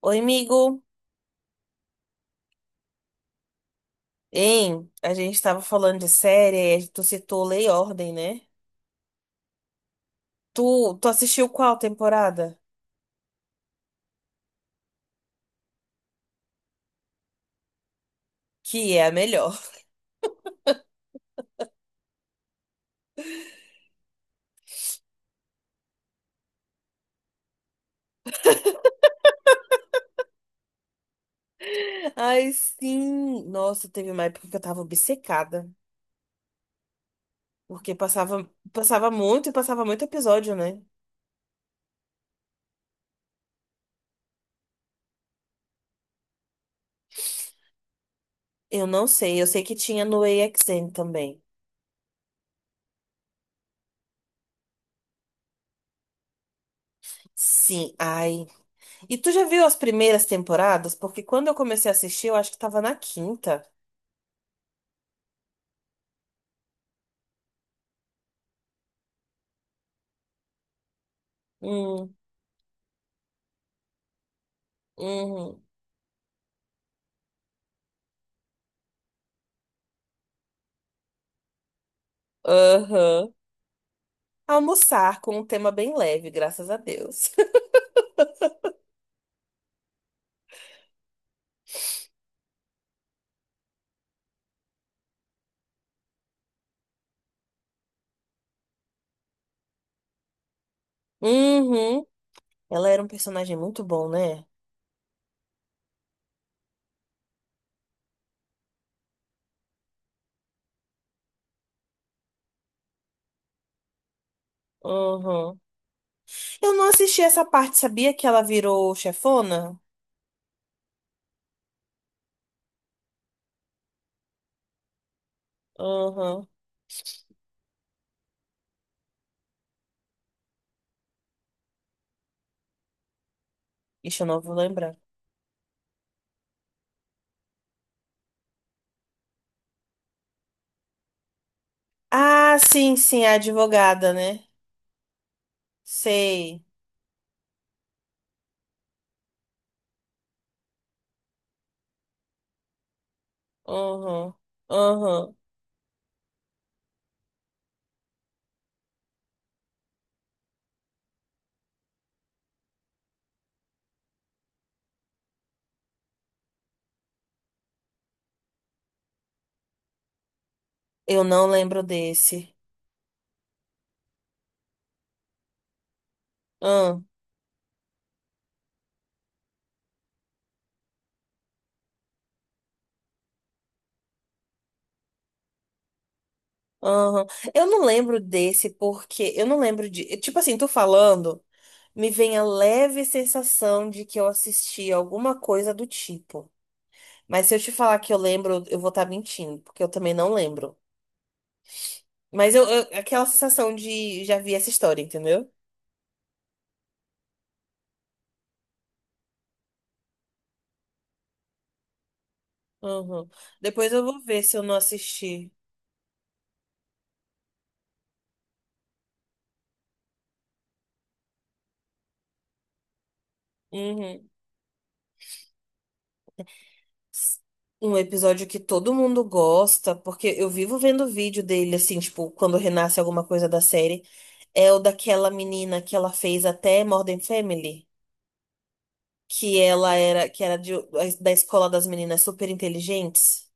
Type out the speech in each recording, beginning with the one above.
Oi, amigo. Hein? A gente tava falando de série, aí tu citou Lei e Ordem, né? Tu assistiu qual temporada? Que é a melhor. Ai, sim. Nossa, teve uma época que eu tava obcecada, porque passava, passava muito e passava muito episódio, né? Eu não sei, eu sei que tinha no A X AXN também. Sim, ai. E tu já viu as primeiras temporadas? Porque quando eu comecei a assistir, eu acho que tava na quinta. Hum, hum, aham. Almoçar com um tema bem leve, graças a Deus. Uhum. Ela era um personagem muito bom, né? Uhum. Eu não assisti essa parte, sabia que ela virou chefona? Uhum. Ixi, eu não vou lembrar. Ah, sim, sim, a advogada, né? Sei. Uhum. Uhum. Eu não lembro desse. Uhum. Uhum. Eu não lembro desse porque eu não lembro de. Tipo assim, tô falando. Me vem a leve sensação de que eu assisti alguma coisa do tipo. Mas se eu te falar que eu lembro, eu vou estar mentindo, porque eu também não lembro. Mas aquela sensação de já vi essa história, entendeu? Uhum. Depois eu vou ver se eu não assisti. Uhum. Um episódio que todo mundo gosta, porque eu vivo vendo vídeo dele, assim, tipo, quando renasce alguma coisa da série. É o daquela menina que ela fez até Modern Family. Que ela era que era de- da escola das meninas super inteligentes,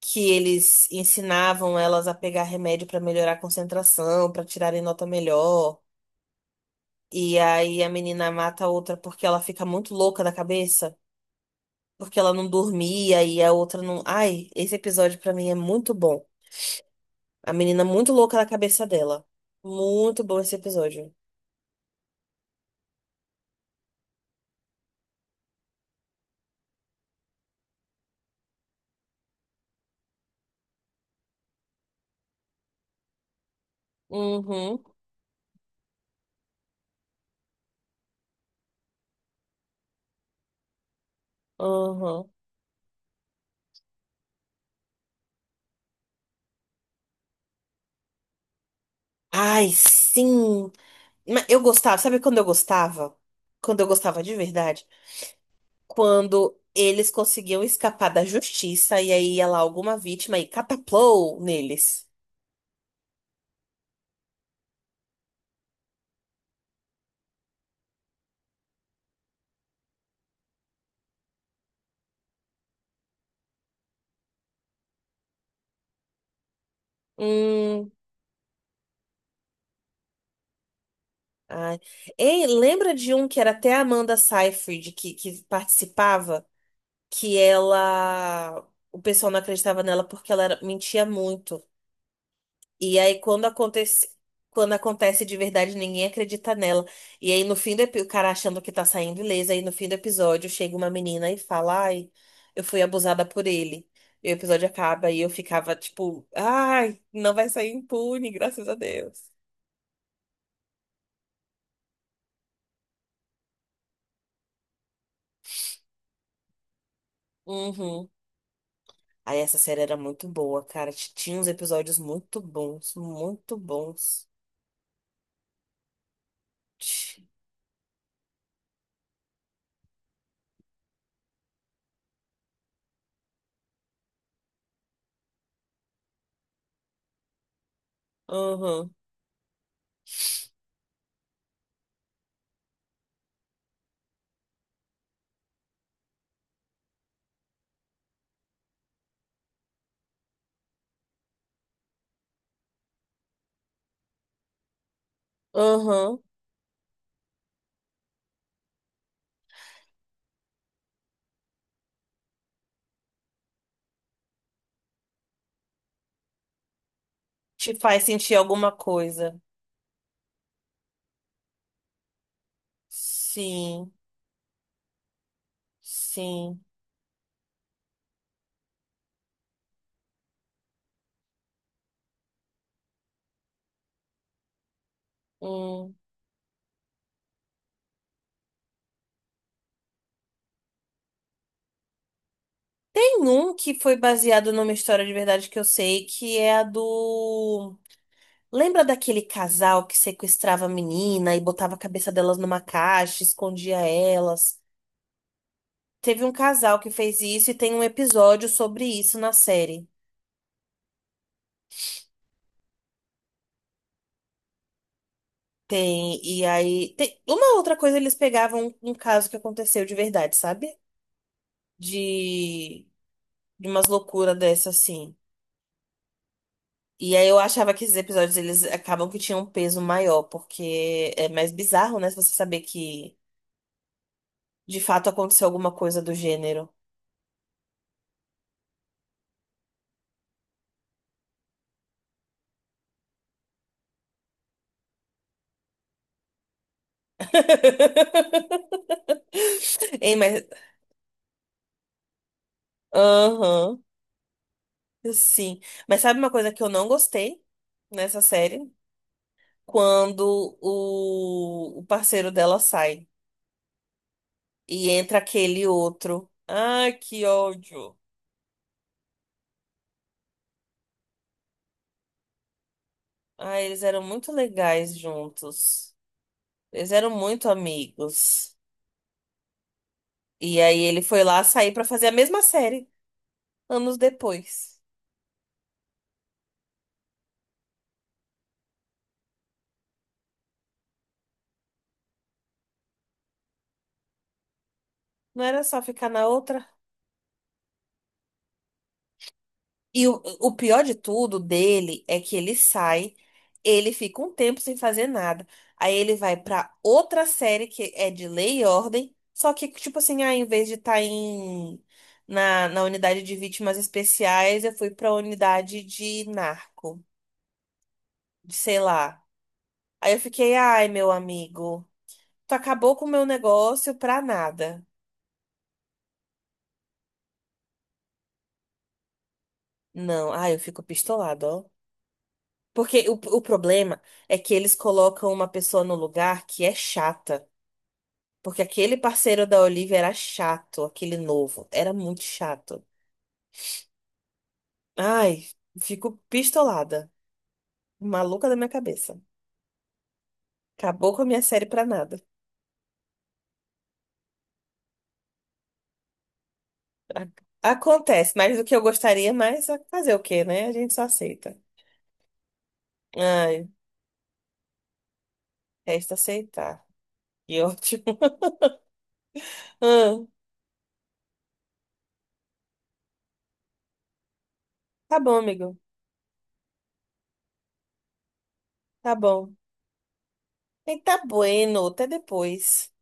que eles ensinavam elas a pegar remédio pra melhorar a concentração, pra tirarem nota melhor. E aí a menina mata a outra porque ela fica muito louca da cabeça, porque ela não dormia e a outra não. Ai, esse episódio pra mim é muito bom. A menina muito louca da cabeça dela. Muito bom esse episódio. Uhum, uhum. Ai, sim. Mas eu gostava, sabe quando eu gostava? Quando eu gostava de verdade? Quando eles conseguiam escapar da justiça e aí ia lá alguma vítima e cataplou neles. Hum, ai. Ei, lembra de um que era até a Amanda Seyfried que participava? Que ela. O pessoal não acreditava nela porque ela era- mentia muito. E aí, quando acontece de verdade, ninguém acredita nela. E aí, no fim do episódio, o cara achando que tá saindo ilesa, aí no fim do episódio chega uma menina e fala: Ai, eu fui abusada por ele. E o episódio acaba e eu ficava tipo: Ai, não vai sair impune, graças a Deus. Uhum. Aí essa série era muito boa, cara. Tinha uns episódios muito bons, muito bons. Ti- Uhum. Uhum. Te faz sentir alguma coisa. Sim, sim. Hum. Tem um que foi baseado numa história de verdade que eu sei, que é a do. Lembra daquele casal que sequestrava a menina e botava a cabeça delas numa caixa, escondia elas? Teve um casal que fez isso e tem um episódio sobre isso na série. Tem, e aí. Uma outra coisa, eles pegavam um caso que aconteceu de verdade, sabe? De, de umas loucuras dessas assim. E aí eu achava que esses episódios eles acabam que tinham um peso maior, porque é mais bizarro, né? Se você saber que de fato aconteceu alguma coisa do gênero. Hein, mas. Aham, sim. Mas sabe uma coisa que eu não gostei nessa série? Quando o parceiro dela sai e entra aquele outro. Ai, que ódio. Ai, eles eram muito legais juntos. Eles eram muito amigos. E aí ele foi lá sair pra fazer a mesma série anos depois. Não era só ficar na outra? E o pior de tudo dele é que ele sai, ele fica um tempo sem fazer nada. Aí ele vai pra outra série que é de Lei e Ordem, só que tipo assim, ah, em vez de estar na unidade de vítimas especiais, eu fui pra unidade de narco, de sei lá. Aí eu fiquei, ai, meu amigo, tu acabou com o meu negócio pra nada. Não, ah, eu fico pistolado, ó. Porque o problema é que eles colocam uma pessoa no lugar que é chata. Porque aquele parceiro da Olivia era chato, aquele novo. Era muito chato. Ai, fico pistolada. Maluca da minha cabeça. Acabou com a minha série pra nada. A- Acontece, mais do que eu gostaria, mas fazer o quê, né? A gente só aceita. Ai, resta aceitar. Que ótimo. Ah, tá bom, amigo. Tá bom. Eita, bueno. Até depois.